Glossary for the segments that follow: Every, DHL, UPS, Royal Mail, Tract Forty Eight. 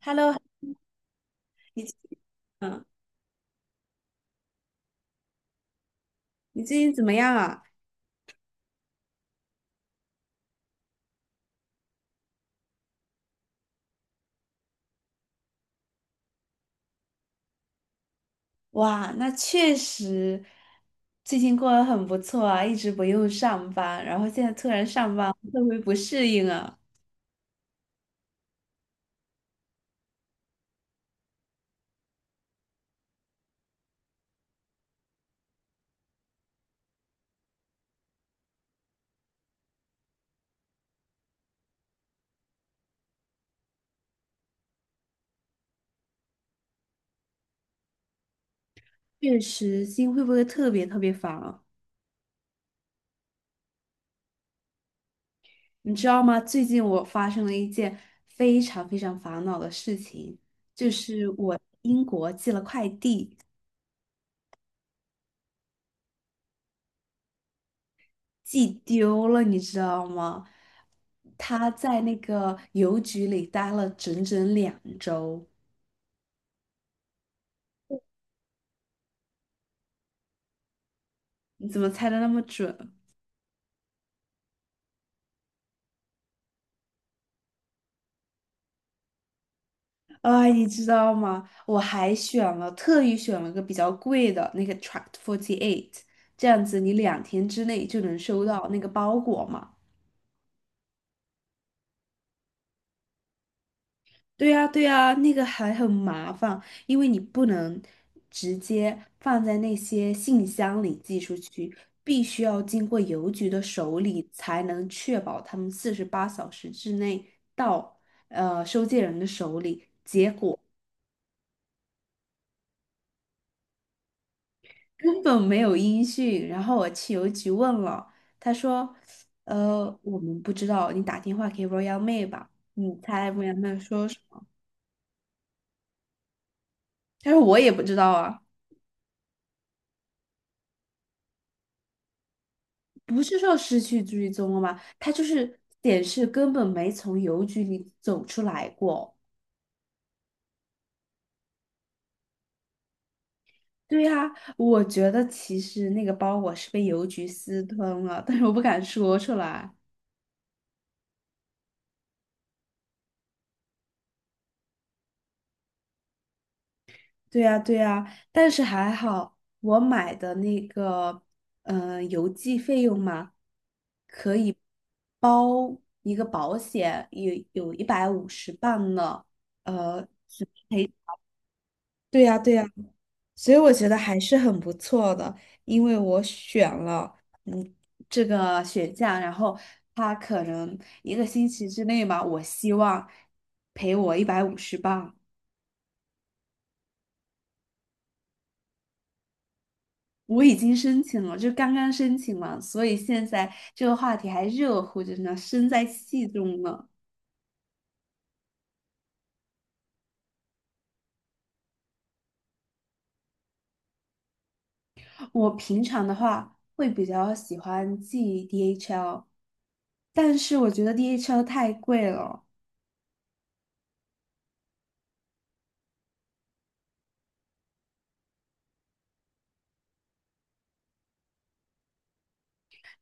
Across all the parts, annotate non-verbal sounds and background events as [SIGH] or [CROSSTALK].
Hello，你嗯，你最近怎么样啊？哇，那确实，最近过得很不错啊，一直不用上班，然后现在突然上班，会不会不适应啊？确实，心会不会特别特别烦啊？你知道吗？最近我发生了一件非常非常烦恼的事情，就是我英国寄了快递，寄丢了，你知道吗？他在那个邮局里待了整整2周。你怎么猜的那么准？哎，你知道吗？我还选了，特意选了个比较贵的那个 Tract 48，这样子你2天之内就能收到那个包裹嘛。对呀，对呀，那个还很麻烦，因为你不能直接放在那些信箱里寄出去，必须要经过邮局的手里，才能确保他们48小时之内到收件人的手里。根本没有音讯。然后我去邮局问了，他说："我们不知道，你打电话给 Royal m 吧。"你猜 Royal Mail 说什么？他说："我也不知道啊，不是说失去追踪了吗？他就是显示根本没从邮局里走出来过。"对呀，我觉得其实那个包裹是被邮局私吞了，但是我不敢说出来。对呀，对呀，但是还好，我买的那个，邮寄费用嘛，可以包一个保险，有一百五十磅呢，只赔。对呀，对呀，所以我觉得还是很不错的，因为我选了，嗯，这个雪降，然后他可能一个星期之内嘛，我希望赔我一百五十磅。我已经申请了，就刚刚申请嘛，所以现在这个话题还热乎着呢，身在戏中呢。我平常的话会比较喜欢寄 DHL，但是我觉得 DHL 太贵了，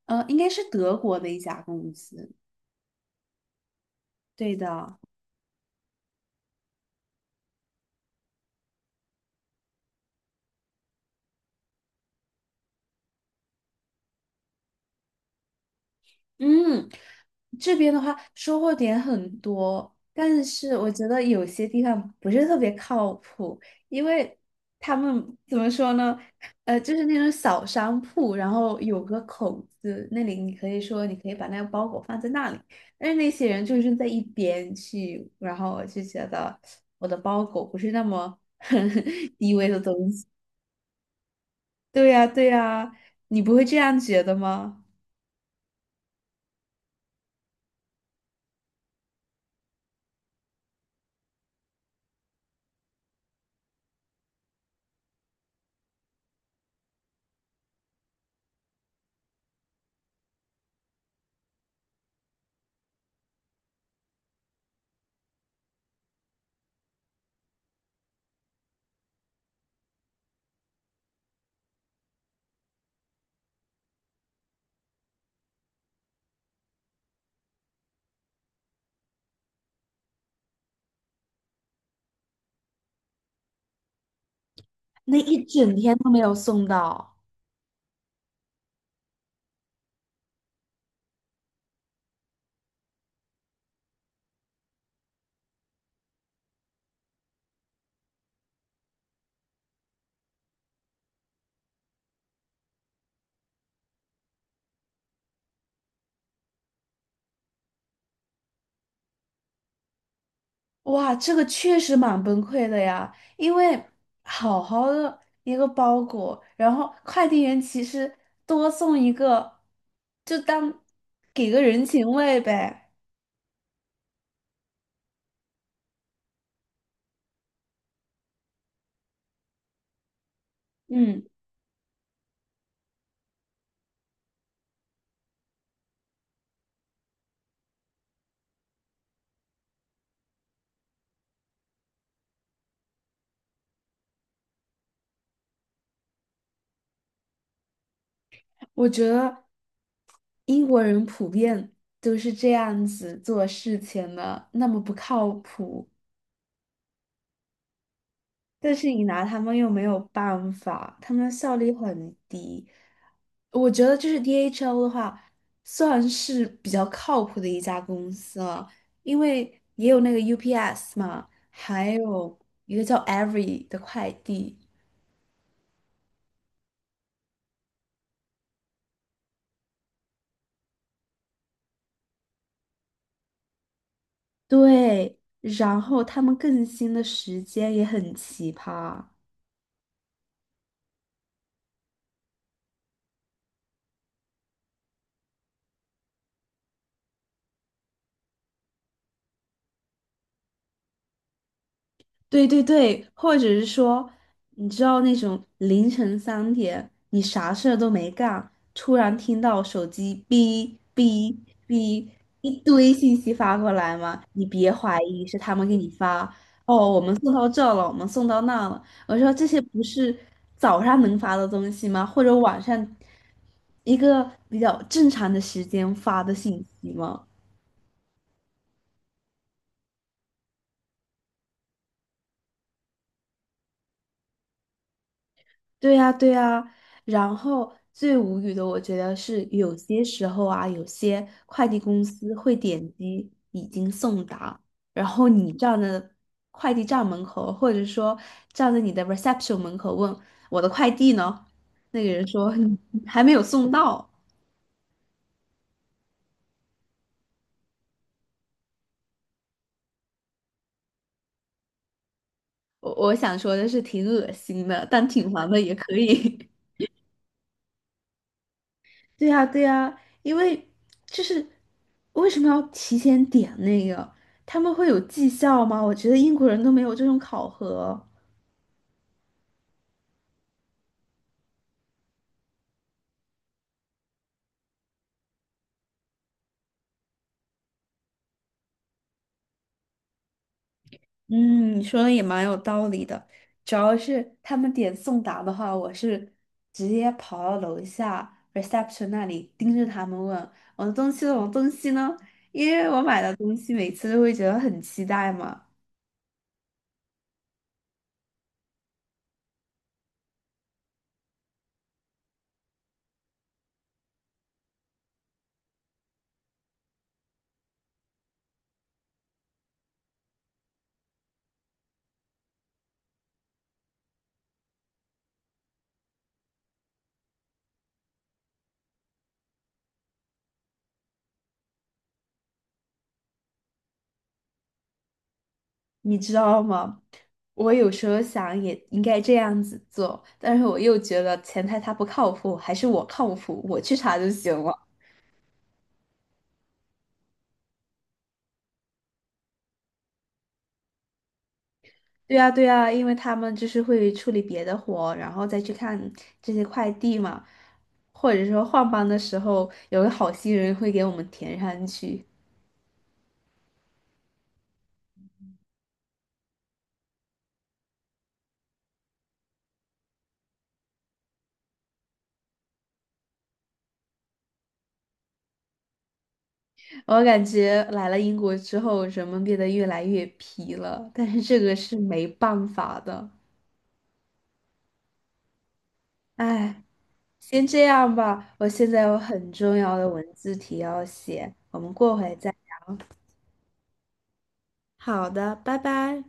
应该是德国的一家公司，对的。嗯，这边的话收获点很多，但是我觉得有些地方不是特别靠谱，因为他们怎么说呢？就是那种小商铺，然后有个口子，那里你可以说你可以把那个包裹放在那里，但是那些人就是在一边去，然后我就觉得我的包裹不是那么 [LAUGHS] 低微的东西。对呀，对呀，你不会这样觉得吗？那一整天都没有送到。哇，这个确实蛮崩溃的呀，因为好好的一个包裹，然后快递员其实多送一个，就当给个人情味呗。嗯，我觉得英国人普遍都是这样子做事情的，那么不靠谱。但是你拿他们又没有办法，他们的效率很低。我觉得就是 DHL 的话，算是比较靠谱的一家公司了，因为也有那个 UPS 嘛，还有一个叫 Every 的快递。对，然后他们更新的时间也很奇葩。对对对，或者是说，你知道那种凌晨3点，你啥事儿都没干，突然听到手机哔哔哔一堆信息发过来吗？你别怀疑是他们给你发，哦，我们送到这了，我们送到那了。我说这些不是早上能发的东西吗？或者晚上一个比较正常的时间发的信息吗？对呀，对呀，然后最无语的，我觉得是有些时候啊，有些快递公司会点击已经送达，然后你站在快递站门口，或者说站在你的 reception 门口问我的快递呢？那个人说[LAUGHS] 还没有送到。我想说的是挺恶心的，但挺烦的也可以。[LAUGHS] 对呀，对呀，因为就是为什么要提前点那个？他们会有绩效吗？我觉得英国人都没有这种考核。嗯，你说的也蛮有道理的。主要是他们点送达的话，我是直接跑到楼下 reception 那里盯着他们问我的东西了我的东西呢？因为我买的东西每次都会觉得很期待嘛，你知道吗？我有时候想也应该这样子做，但是我又觉得前台他不靠谱，还是我靠谱，我去查就行了。对啊，对啊，因为他们就是会处理别的活，然后再去看这些快递嘛，或者说换班的时候，有个好心人会给我们填上去。我感觉来了英国之后，人们变得越来越皮了，但是这个是没办法的，唉。先这样吧，我现在有很重要的文字题要写，我们过会再。好的，拜拜。